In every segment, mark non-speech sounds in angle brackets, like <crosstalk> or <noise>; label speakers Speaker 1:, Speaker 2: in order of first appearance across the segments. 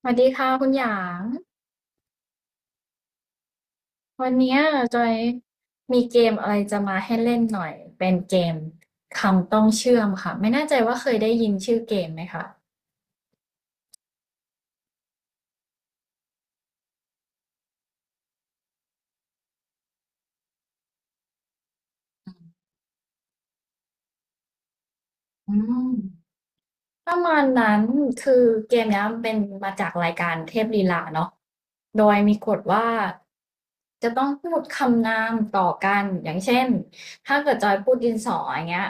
Speaker 1: สวัสดีค่ะคุณหยางวันเนี้ยจอยมีเกมอะไรจะมาให้เล่นหน่อยเป็นเกมคำต้องเชื่อมค่ะไม่แน่ใจว่าเคยได้ยินชื่อเกมไหมคะอืม ประมาณนั้นคือเกมเนี้ยมันเป็นมาจากรายการเทพลีลาเนาะโดยมีกฎว่าจะต้องพูดคำนามต่อกันอย่างเช่นถ้าเกิดจอยพูดดินสออย่างเงี้ย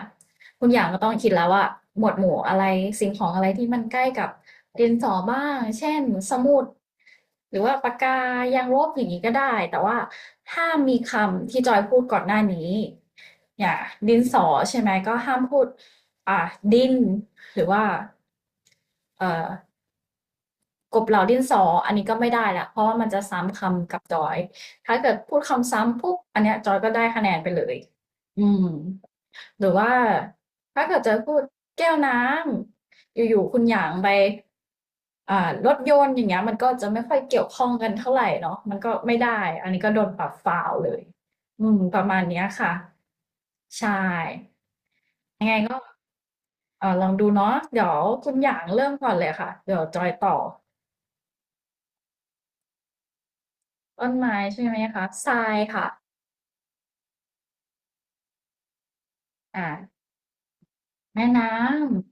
Speaker 1: คุณอยางก็ต้องคิดแล้วว่าหมวดหมู่อะไรสิ่งของอะไรที่มันใกล้กับดินสอบ้างเช่นสมุดหรือว่าปากกายางลบอย่างนี้ก็ได้แต่ว่าห้ามมีคำที่จอยพูดก่อนหน้านี้อย่างดินสอใช่ไหมก็ห้ามพูดอ่ะดิน หรือว่าเอ่อกบเหล่าดินสออันนี้ก็ไม่ได้ละเพราะว่ามันจะซ้ำคำกับจอยถ้าเกิดพูดคำซ้ำปุ๊บอันเนี้ยจอยก็ได้คะแนนไปเลยอืมหรือว่าถ้าเกิดจะพูดแก้วน้ำอยู่ๆคุณหยางไปอ่ารถยนต์อย่างเงี้ยมันก็จะไม่ค่อยเกี่ยวข้องกันเท่าไหร่เนาะมันก็ไม่ได้อันนี้ก็โดนปรับฟาวเลยอืมประมาณนี้ค่ะใช่ยังไงก็เออลองดูเนาะเดี๋ยวคุณหยางเริ่มก่อนเลยค่ะเดี๋ยวจอยต่อ ต้นไม้ใช่ไหมคะทรายค่ะอ่าแม่น้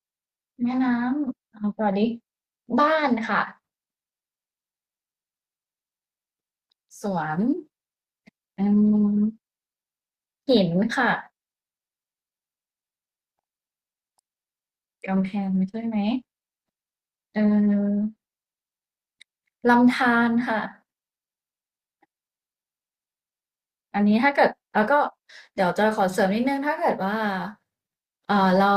Speaker 1: ำแม่น้ำเอาต่อดิบ้านค่ะสวนอืมหินค่ะกำแพงใช่ไหมเออลำธารค่ะอันนี้ถ้าเกิดแล้วก็เดี๋ยวจะขอเสริมนิดนึงถ้าเกิดว่าเออเรา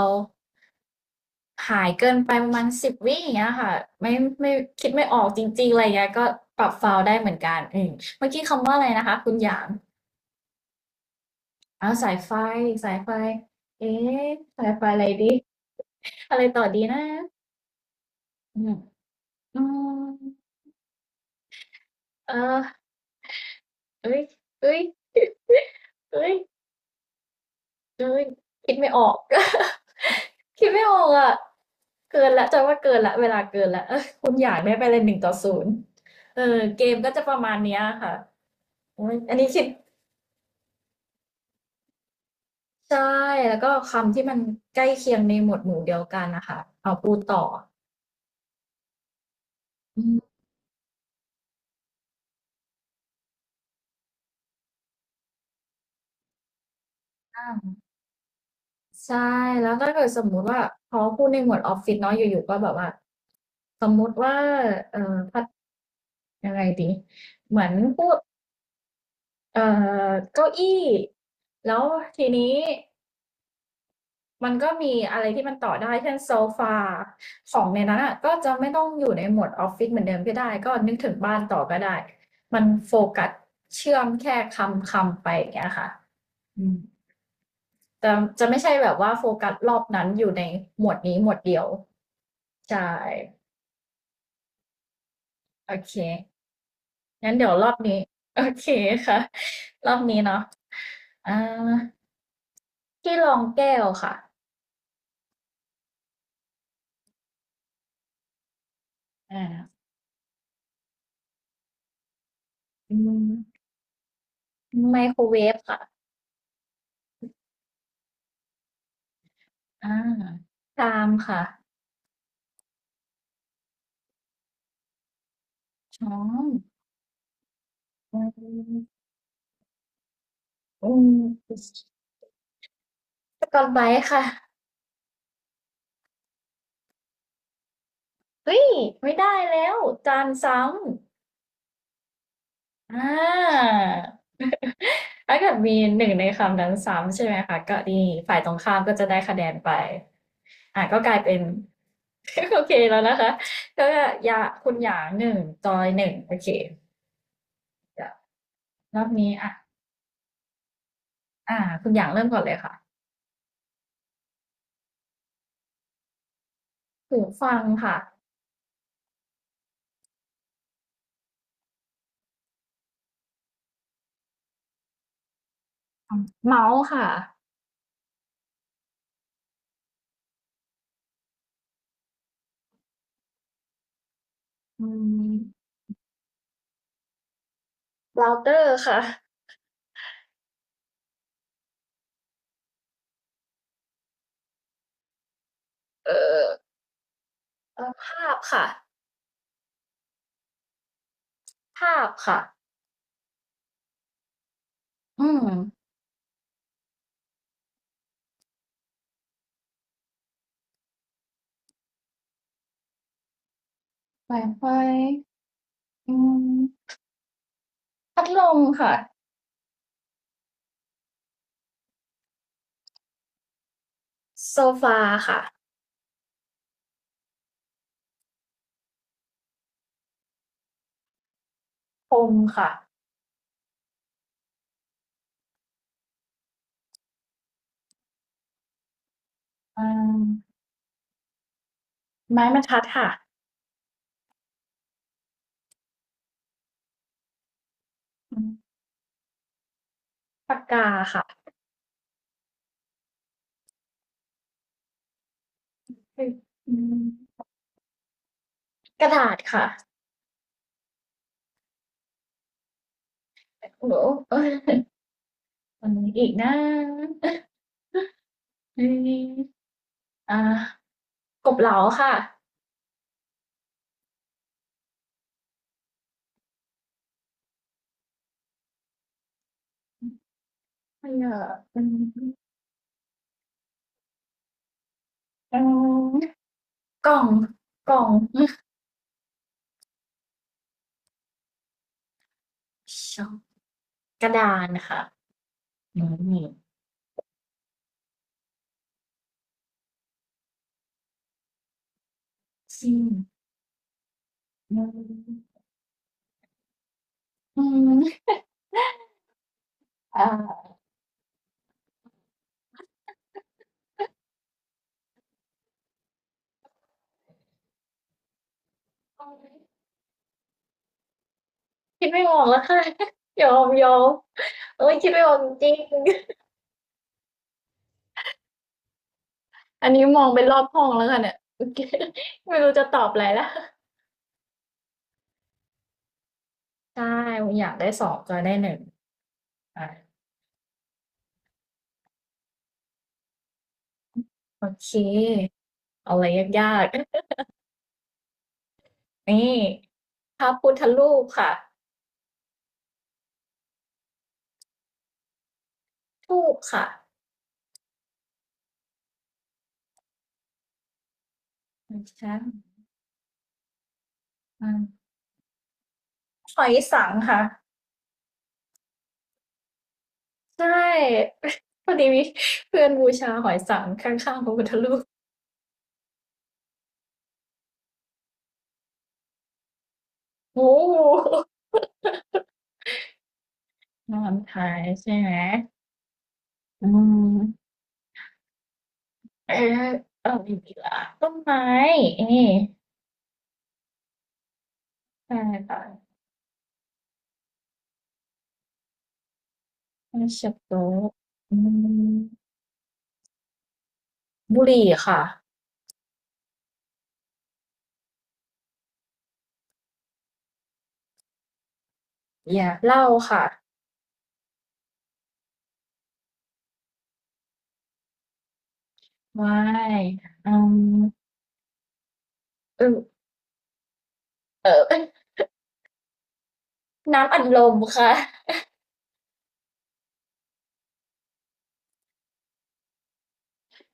Speaker 1: หายเกินไปประมาณ10 วิอย่างเงี้ยค่ะไม่ไม่คิดไม่ออกจริงๆอะไรเงี้ยก็ปรับฟาวล์ได้เหมือนกันอืมเมื่อกี้คำว่าอะไรนะคะคุณหยาง อาสายไฟสายไฟเอ๊ะสายไฟอะไรดี <laughs> อะไรต่อดีนะอืมอืมเออเอ้ยเอ้ยเอ้ยเอ้ยคิดไม่ออก <laughs> คิดไม่ออกอะเกินแล้วจอว่าเกินแล้วเวลาเกินแล้วเออ <laughs> คุณอยากได้ไปเลย1-0เออเกมก็จะประมาณเนี้ยค่ะโอ้ยอันนี้คิดใช่แล้วก็คำที่มันใกล้เคียงในหมวดหมู่เดียวกันนะคะเอาพูดต่ออืม ใช่แล้วถ้าเกิดสมมุติว่าพอพูดในหมวดออฟฟิศเนาะอยู่ๆก็แบบว่าสมมุติว่าพัดยังไงดีเหมือนพูดเอ่เก้าอี้แล้วทีนี้มันก็มีอะไรที่มันต่อได้เช่นโซฟาของในนั้นอ่ะก็จะไม่ต้องอยู่ในหมวดออฟฟิศเหมือนเดิมก็ได้ก็นึกถึงบ้านต่อก็ได้มันโฟกัสเชื่อมแค่คำคำไปอย่างเงี้ยค่ะอืม แต่จะไม่ใช่แบบว่าโฟกัสรอบนั้นอยู่ในหมวดนี้หมวดเดียวใช่โอเคงั้นเดี๋ยวรอบนี้ <laughs> โอเคค่ะรอบนี้เนาะอ่าที่รองแก้วค่ะอ่าอืมไมโครเวฟค่ะอ่าชามค่ะช้อนอืมอืมสกอตไบรท์ค่ะเฮ้ยไม่ได้แล้วจานซ้ำ อ่า <laughs> ถ้าเกิดมีหนึ่งในคำนั้นซ้ำใช่ไหมคะก็ดีฝ่ายตรงข้ามก็จะได้คะแนนไปอ่ะก็กลายเป็น <laughs> โอเคแล้วนะคะก็ยาคุณหยางหนึ่งจอยหนึ่งโอเคเดี๋ยวรอบนี้อ่ะอ่าคุณหยางเริ่มก่อนเลยค่ะหูฟังค่ะเมาส์ค่ะอืมเราเตอร์ค่ะเออภาพค่ะภาพค่ะอืมไวไฟอืมพัดลมค่ะ โซฟาค่ะพรมค่ะอืมไม้บรรทัดค่ะอืมปากกาค่ะอืมกระดาษค่ะโอ้โหนูเอ้ยมันมีอีกนะเอยอ่ากบเหลาค่ะไม่เยออืมอืมกล่องกล่องชอบกระดานค่ะอืมซิมอืมอืมอ่าคิดไม่ออกแล้วค่ะยอมยอมเอ้ยคิดไม่ออกจริง อันนี้มองไปรอบห้องแล้วกันเนี่ย <laughs> ไม่รู้จะตอบอะไรละใช่อยากได้สองก็ได้หนึ่งอ่ะโอเคเอาอะไรยากๆ <laughs> นี่พระพุทธรูปค่ะทูปค่ะไม่ใช่อาหอยสังค่ะใช่ <laughs> พอดีมีเพื่อนบูชาหอยสังข้างๆพระพุทธรูปโอ้โหนอนทายใช่ไหมอืมเออเอาอีกละต้นไม้นี่ใช่ค่ะ Friendship group อืมบุหรี่ค่ะ Yeah. เหล้าค่ะ ไม่อืมเออเออเอ้ <laughs> ยน้ำอัดลมค่ะ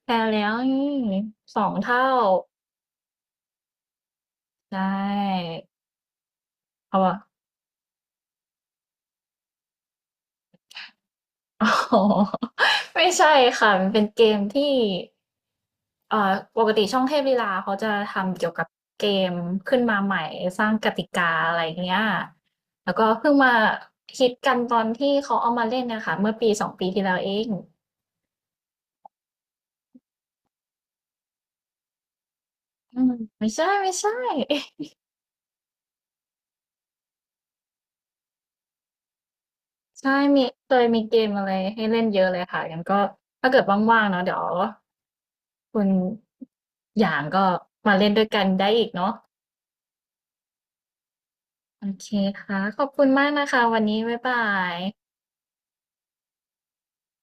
Speaker 1: แพ้แล้วนี่สองเท่าใช่เอาวะ <laughs> อ๋อ <laughs> ไม่ใช่ค่ะมันเป็นเกมที่เอ่อปกติช่องเทพลีลาเขาจะทำเกี่ยวกับเกมขึ้นมาใหม่สร้างกติกาอะไรเงี้ยแล้วก็เพิ่งมาฮิตกันตอนที่เขาเอามาเล่นนะคะเมื่อปีสองปีที่แล้วเองอืมไม่ใช่ใช่มีเคยมีเกมอะไรให้เล่นเยอะเลยค่ะงั้นก็ถ้าเกิดว่างๆเนาะเดี๋ยวคุณอย่างก็มาเล่นด้วยกันได้อีกเนาะ โอเคค่ะขอบคุณมากนะคะวันนี้บ๊ายบาย